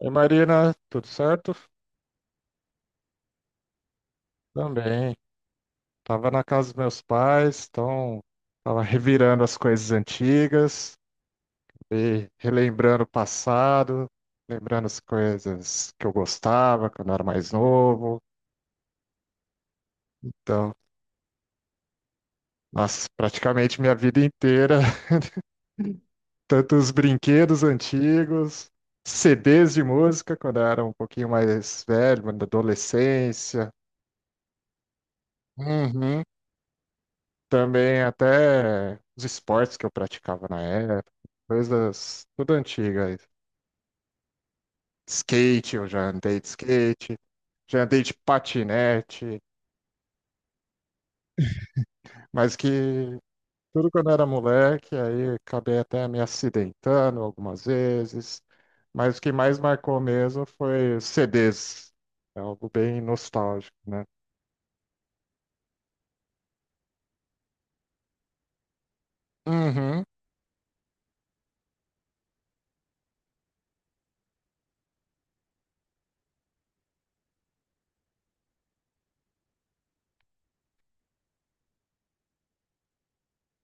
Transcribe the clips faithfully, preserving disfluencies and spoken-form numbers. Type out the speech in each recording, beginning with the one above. Oi, Marina, tudo certo? Também. Tava na casa dos meus pais, então tava revirando as coisas antigas, e relembrando o passado, lembrando as coisas que eu gostava quando eu era mais novo. Então, nossa, praticamente minha vida inteira, tanto os brinquedos antigos, C Ds de música quando eu era um pouquinho mais velho, na adolescência. Uhum. Também até os esportes que eu praticava na época, coisas tudo antigas. Skate, eu já andei de skate, já andei de patinete, mas que tudo quando eu era moleque, aí acabei até me acidentando algumas vezes. Mas o que mais marcou mesmo foi os C Ds. É algo bem nostálgico, né? Uhum.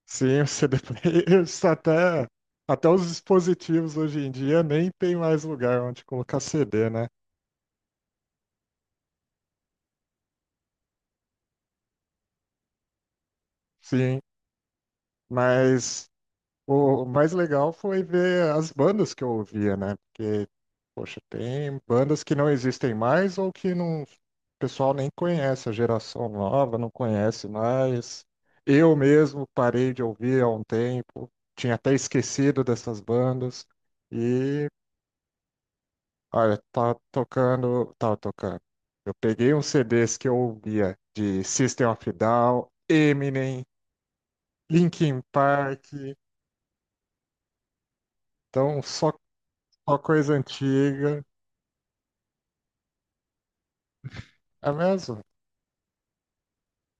Sim, o C D players, até, até os dispositivos hoje em dia nem tem mais lugar onde colocar C D, né? Sim, mas o mais legal foi ver as bandas que eu ouvia, né? Porque, poxa, tem bandas que não existem mais ou que não, o pessoal nem conhece, a geração nova não conhece mais. Eu mesmo parei de ouvir há um tempo, tinha até esquecido dessas bandas. E Olha, tá tocando, tava tocando. Eu peguei uns C Ds que eu ouvia de System of a Down, Eminem, Linkin Park, então só, só coisa antiga. É mesmo?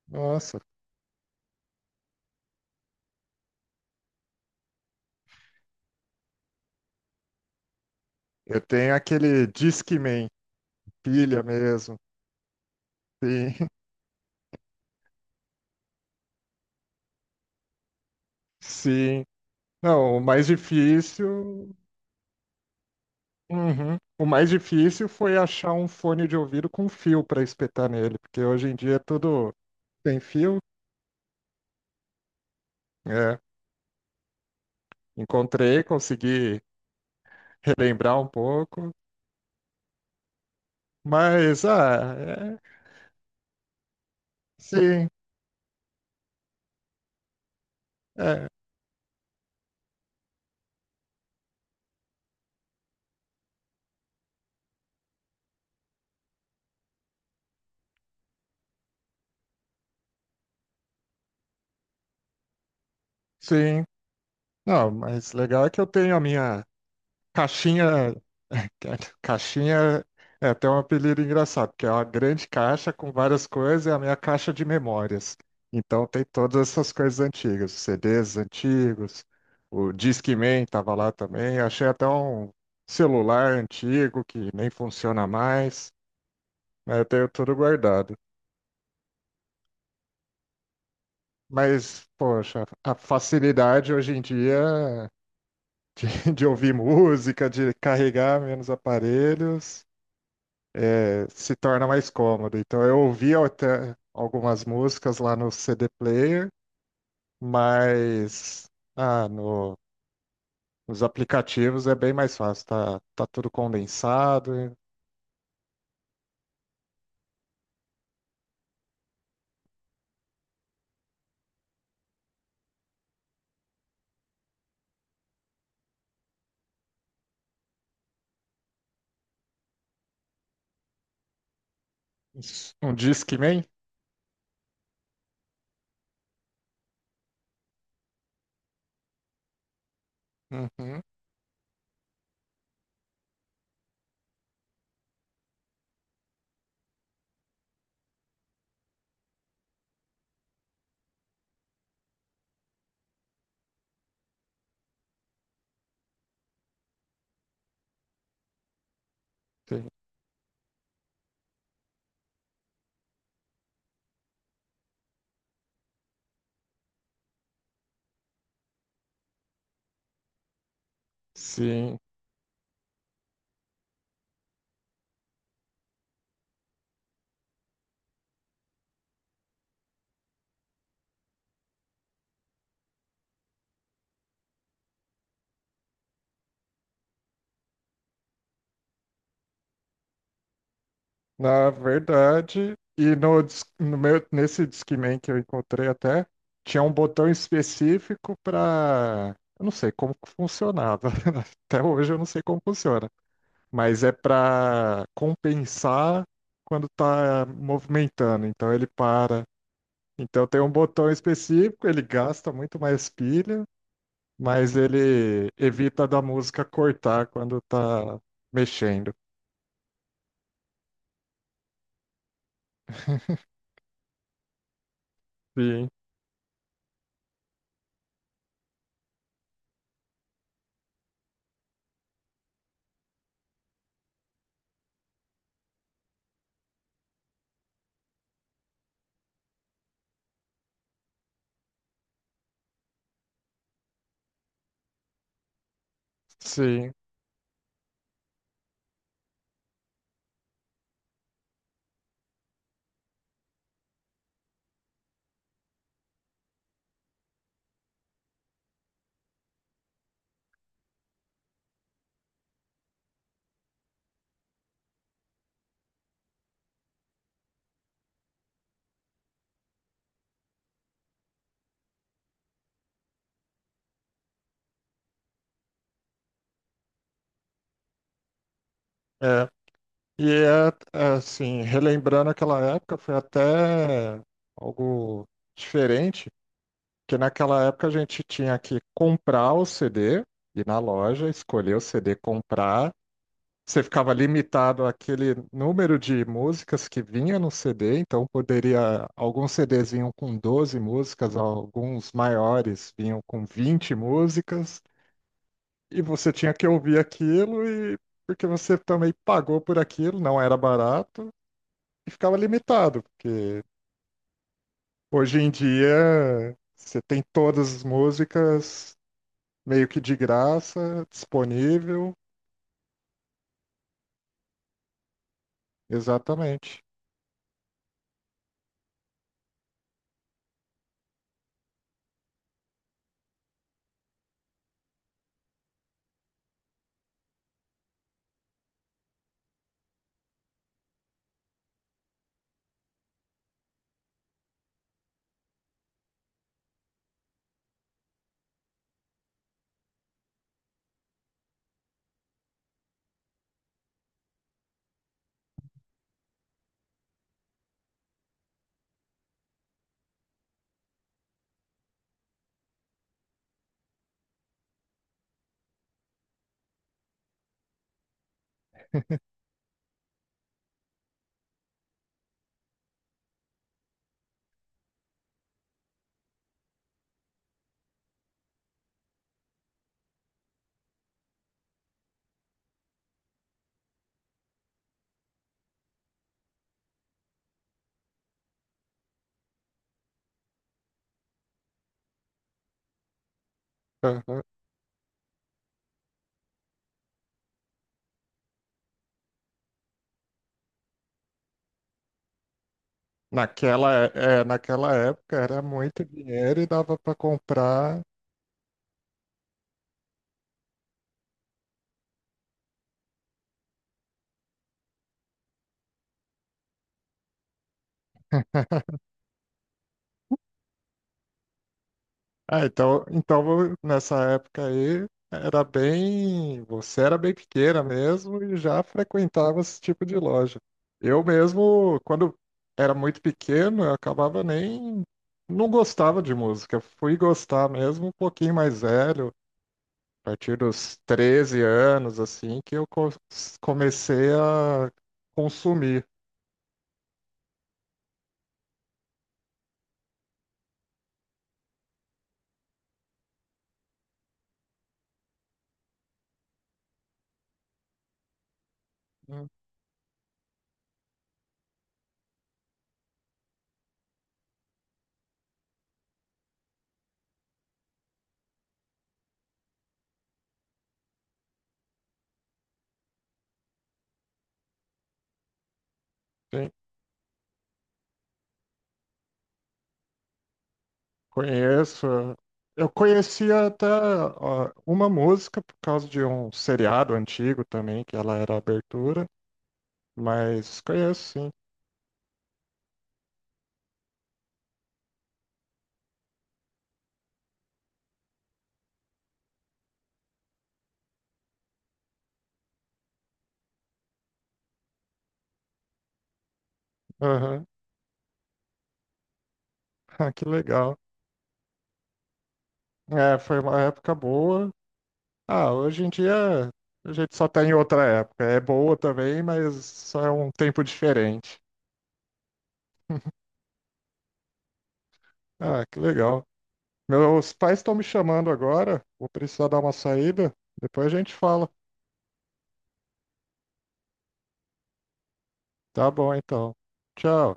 Nossa, eu tenho aquele Discman, pilha mesmo. Sim, sim. Não, o mais difícil. Uhum. O mais difícil foi achar um fone de ouvido com fio para espetar nele, porque hoje em dia é tudo tem fio. É. Encontrei, consegui relembrar um pouco. Mas, ah, é, sim, é, sim. Não, mas legal é que eu tenho a minha caixinha. Caixinha é até um apelido engraçado, porque é uma grande caixa com várias coisas, é a minha caixa de memórias. Então tem todas essas coisas antigas, os C Ds antigos, o Discman estava lá também. Achei até um celular antigo que nem funciona mais, mas eu tenho tudo guardado. Mas, poxa, a facilidade hoje em dia de, de ouvir música, de carregar menos aparelhos, eh, se torna mais cômodo. Então, eu ouvia até algumas músicas lá no C D Player, mas ah, no- nos aplicativos é bem mais fácil, tá, tá tudo condensado. Um Discman? Uhum, tem- sim. Na verdade, e no, dis- no meu, nesse Discman que eu encontrei até, tinha um botão específico para. Eu não sei como que funcionava. Até hoje eu não sei como funciona. Mas é para compensar quando tá movimentando. Então ele para. Então tem um botão específico, ele gasta muito mais pilha, mas ele evita da música cortar quando tá mexendo. Sim, sim. É, E é, é, assim, relembrando aquela época, foi até algo diferente, porque naquela época a gente tinha que comprar o C D, ir na loja, escolher o C D, comprar. Você ficava limitado àquele número de músicas que vinha no C D, então poderia, alguns C Ds vinham com doze músicas, alguns maiores vinham com vinte músicas, e você tinha que ouvir aquilo e porque você também pagou por aquilo, não era barato e ficava limitado, porque hoje em dia você tem todas as músicas meio que de graça, disponível, exatamente. Aham. Naquela, é, naquela época era muito dinheiro e dava para comprar. Ah, então, então vo- nessa época aí era bem, você era bem pequena mesmo e já frequentava esse tipo de loja. Eu mesmo, quando era muito pequeno, eu acabava nem, não gostava de música. Fui gostar mesmo um pouquinho mais velho, a partir dos treze anos, assim, que eu co- comecei a consumir. Hum. Sim. Conheço. Eu conhecia até ó, uma música por causa de um seriado antigo também, que ela era a abertura, mas conheço sim. Aham. Ah, que legal. É, foi uma época boa. Ah, hoje em dia a gente só tá em outra época. É boa também, mas só é um tempo diferente. Ah, que legal. Meus pais estão me chamando agora. Vou precisar dar uma saída. Depois a gente fala. Tá bom, então. Tchau.